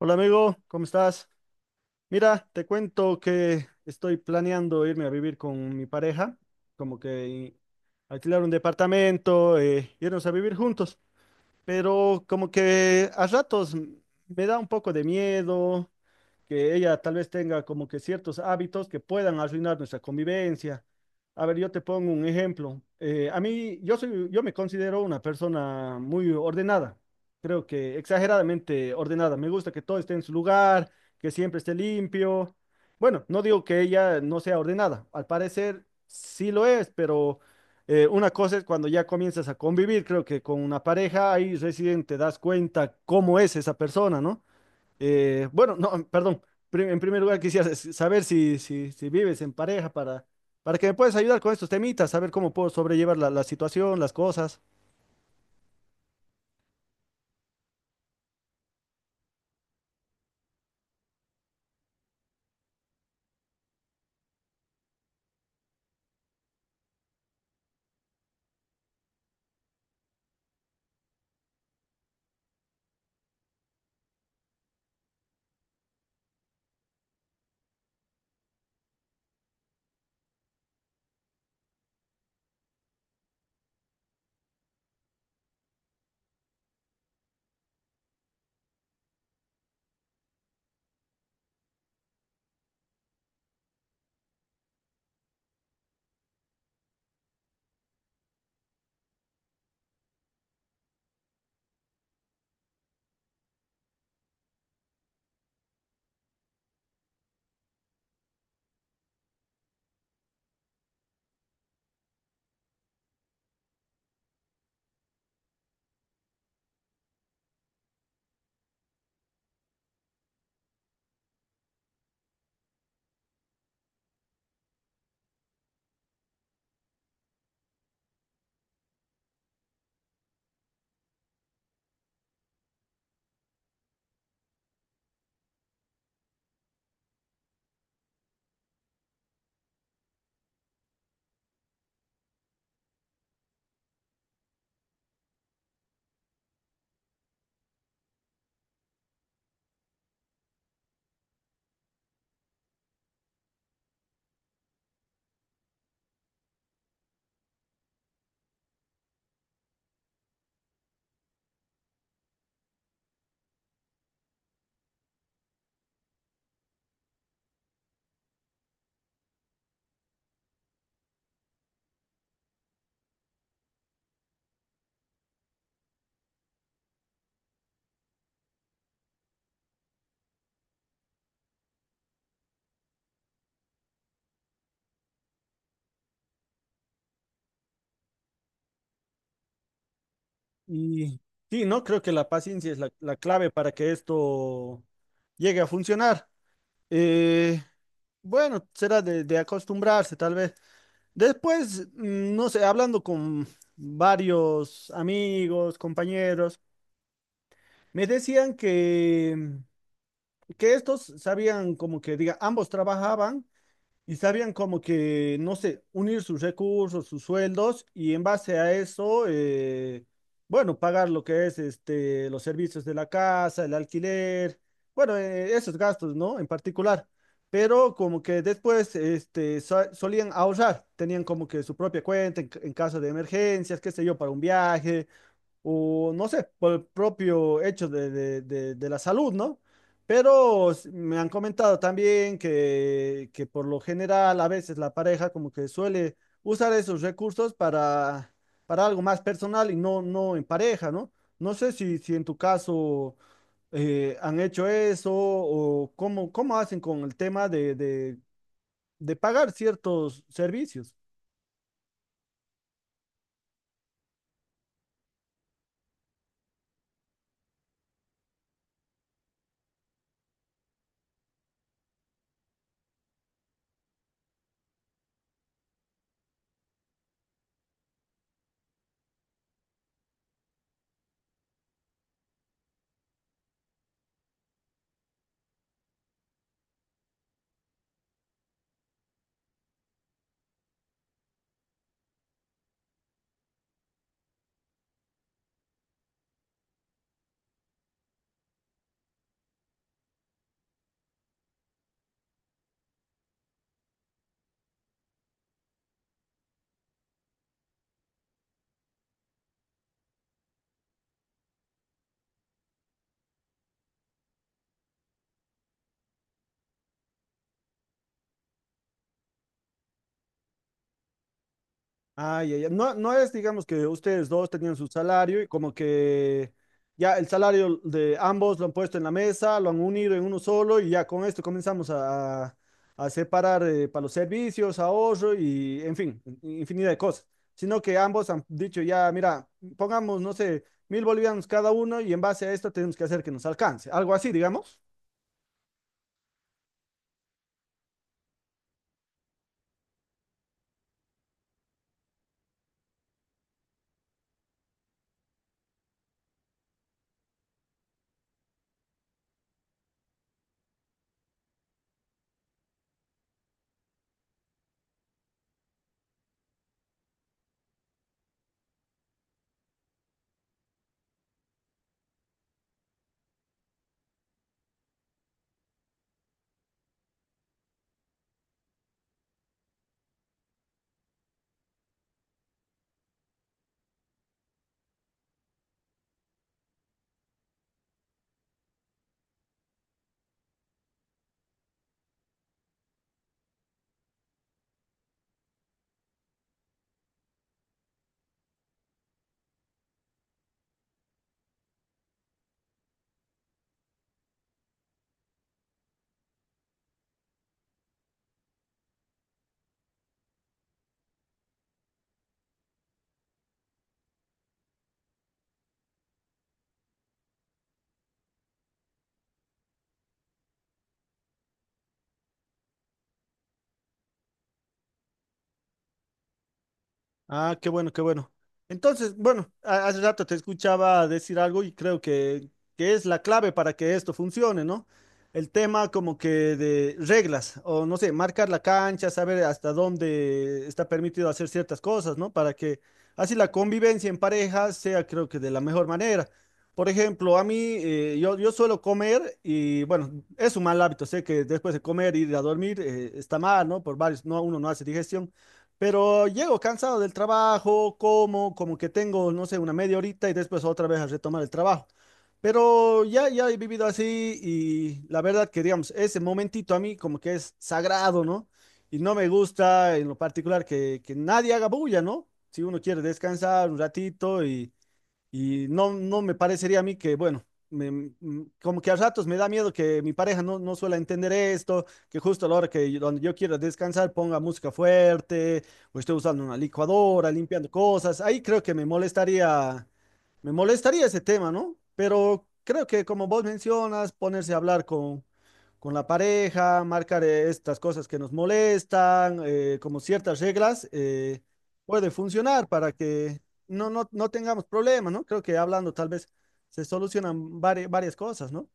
Hola amigo, ¿cómo estás? Mira, te cuento que estoy planeando irme a vivir con mi pareja, como que alquilar un departamento, irnos a vivir juntos, pero como que a ratos me da un poco de miedo, que ella tal vez tenga como que ciertos hábitos que puedan arruinar nuestra convivencia. A ver, yo te pongo un ejemplo. A mí, yo me considero una persona muy ordenada, creo que exageradamente ordenada. Me gusta que todo esté en su lugar, que siempre esté limpio. Bueno, no digo que ella no sea ordenada, al parecer sí lo es, pero una cosa es cuando ya comienzas a convivir, creo que con una pareja, ahí recién te das cuenta cómo es esa persona, ¿no? Perdón. En primer lugar, quisiera saber si, si vives en pareja para que me puedas ayudar con estos temitas, saber cómo puedo sobrellevar la situación, las cosas. Y sí, ¿no? Creo que la paciencia es la clave para que esto llegue a funcionar. Eh, bueno, será de acostumbrarse, tal vez. Después, no sé, hablando con varios amigos, compañeros, me decían que estos sabían como que, diga, ambos trabajaban y sabían como que, no sé, unir sus recursos, sus sueldos y en base a eso, bueno, pagar lo que es este, los servicios de la casa, el alquiler, bueno, esos gastos, ¿no? En particular. Pero como que después este, solían ahorrar, tenían como que su propia cuenta en, en caso de emergencias, qué sé yo, para un viaje o no sé, por el propio hecho de, de la salud, ¿no? Pero me han comentado también que por lo general a veces la pareja como que suele usar esos recursos para algo más personal y no, no en pareja, ¿no? No sé si, si en tu caso han hecho eso o cómo, cómo hacen con el tema de, de pagar ciertos servicios. Ay, ay, ay. No, no es, digamos, que ustedes dos tenían su salario y como que ya el salario de ambos lo han puesto en la mesa, lo han unido en uno solo y ya con esto comenzamos a, a separar para los servicios, ahorro y, en fin, infinidad de cosas. Sino que ambos han dicho ya, mira, pongamos, no sé, 1000 bolivianos cada uno y en base a esto tenemos que hacer que nos alcance. Algo así, digamos. Ah, qué bueno, qué bueno. Entonces, bueno, hace rato te escuchaba decir algo y creo que es la clave para que esto funcione, ¿no? El tema como que de reglas, o no sé, marcar la cancha, saber hasta dónde está permitido hacer ciertas cosas, ¿no? Para que así la convivencia en pareja sea, creo que de la mejor manera. Por ejemplo, a mí, yo suelo comer y, bueno, es un mal hábito, sé que después de comer, ir a dormir, está mal, ¿no? Por varios, no, uno no hace digestión. Pero llego cansado del trabajo, como que tengo, no sé, una media horita y después otra vez a retomar el trabajo. Pero ya, ya he vivido así y la verdad que, digamos, ese momentito a mí como que es sagrado, ¿no? Y no me gusta en lo particular que nadie haga bulla, ¿no? Si uno quiere descansar un ratito y no, no me parecería a mí que, bueno, como que a ratos me da miedo que mi pareja no, no suela entender esto, que justo a la hora que donde yo quiero descansar ponga música fuerte, o esté usando una licuadora, limpiando cosas. Ahí creo que me molestaría ese tema, ¿no? Pero creo que como vos mencionas, ponerse a hablar con la pareja, marcar estas cosas que nos molestan, como ciertas reglas, puede funcionar para que no, no, no tengamos problemas, ¿no? Creo que hablando tal vez se solucionan varias cosas, ¿no?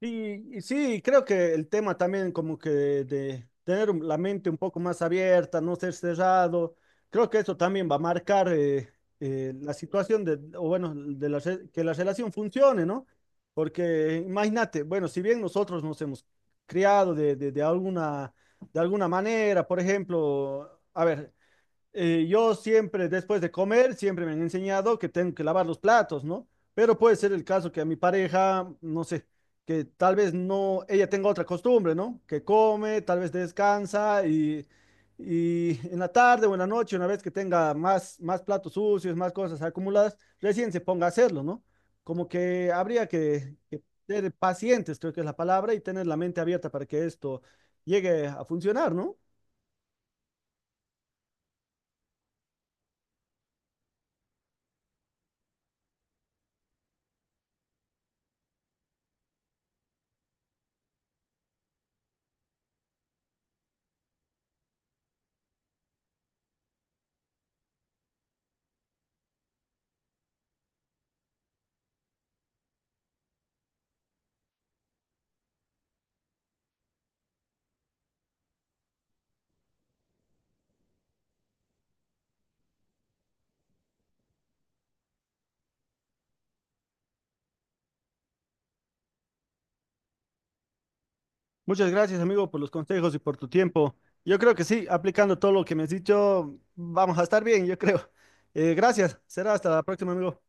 Y sí, creo que el tema también como que de tener la mente un poco más abierta, no ser cerrado, creo que eso también va a marcar la situación de, o bueno, de la, que la relación funcione, ¿no? Porque imagínate, bueno, si bien nosotros nos hemos criado de alguna manera, por ejemplo, a ver, yo siempre, después de comer, siempre me han enseñado que tengo que lavar los platos, ¿no? Pero puede ser el caso que a mi pareja, no sé, que tal vez no, ella tenga otra costumbre, ¿no? Que come, tal vez descansa y en la tarde o en la noche, una vez que tenga más, más platos sucios, más cosas acumuladas, recién se ponga a hacerlo, ¿no? Como que habría que ser pacientes, creo que es la palabra, y tener la mente abierta para que esto llegue a funcionar, ¿no? Muchas gracias, amigo, por los consejos y por tu tiempo. Yo creo que sí, aplicando todo lo que me has dicho, vamos a estar bien, yo creo. Gracias. Será hasta la próxima, amigo.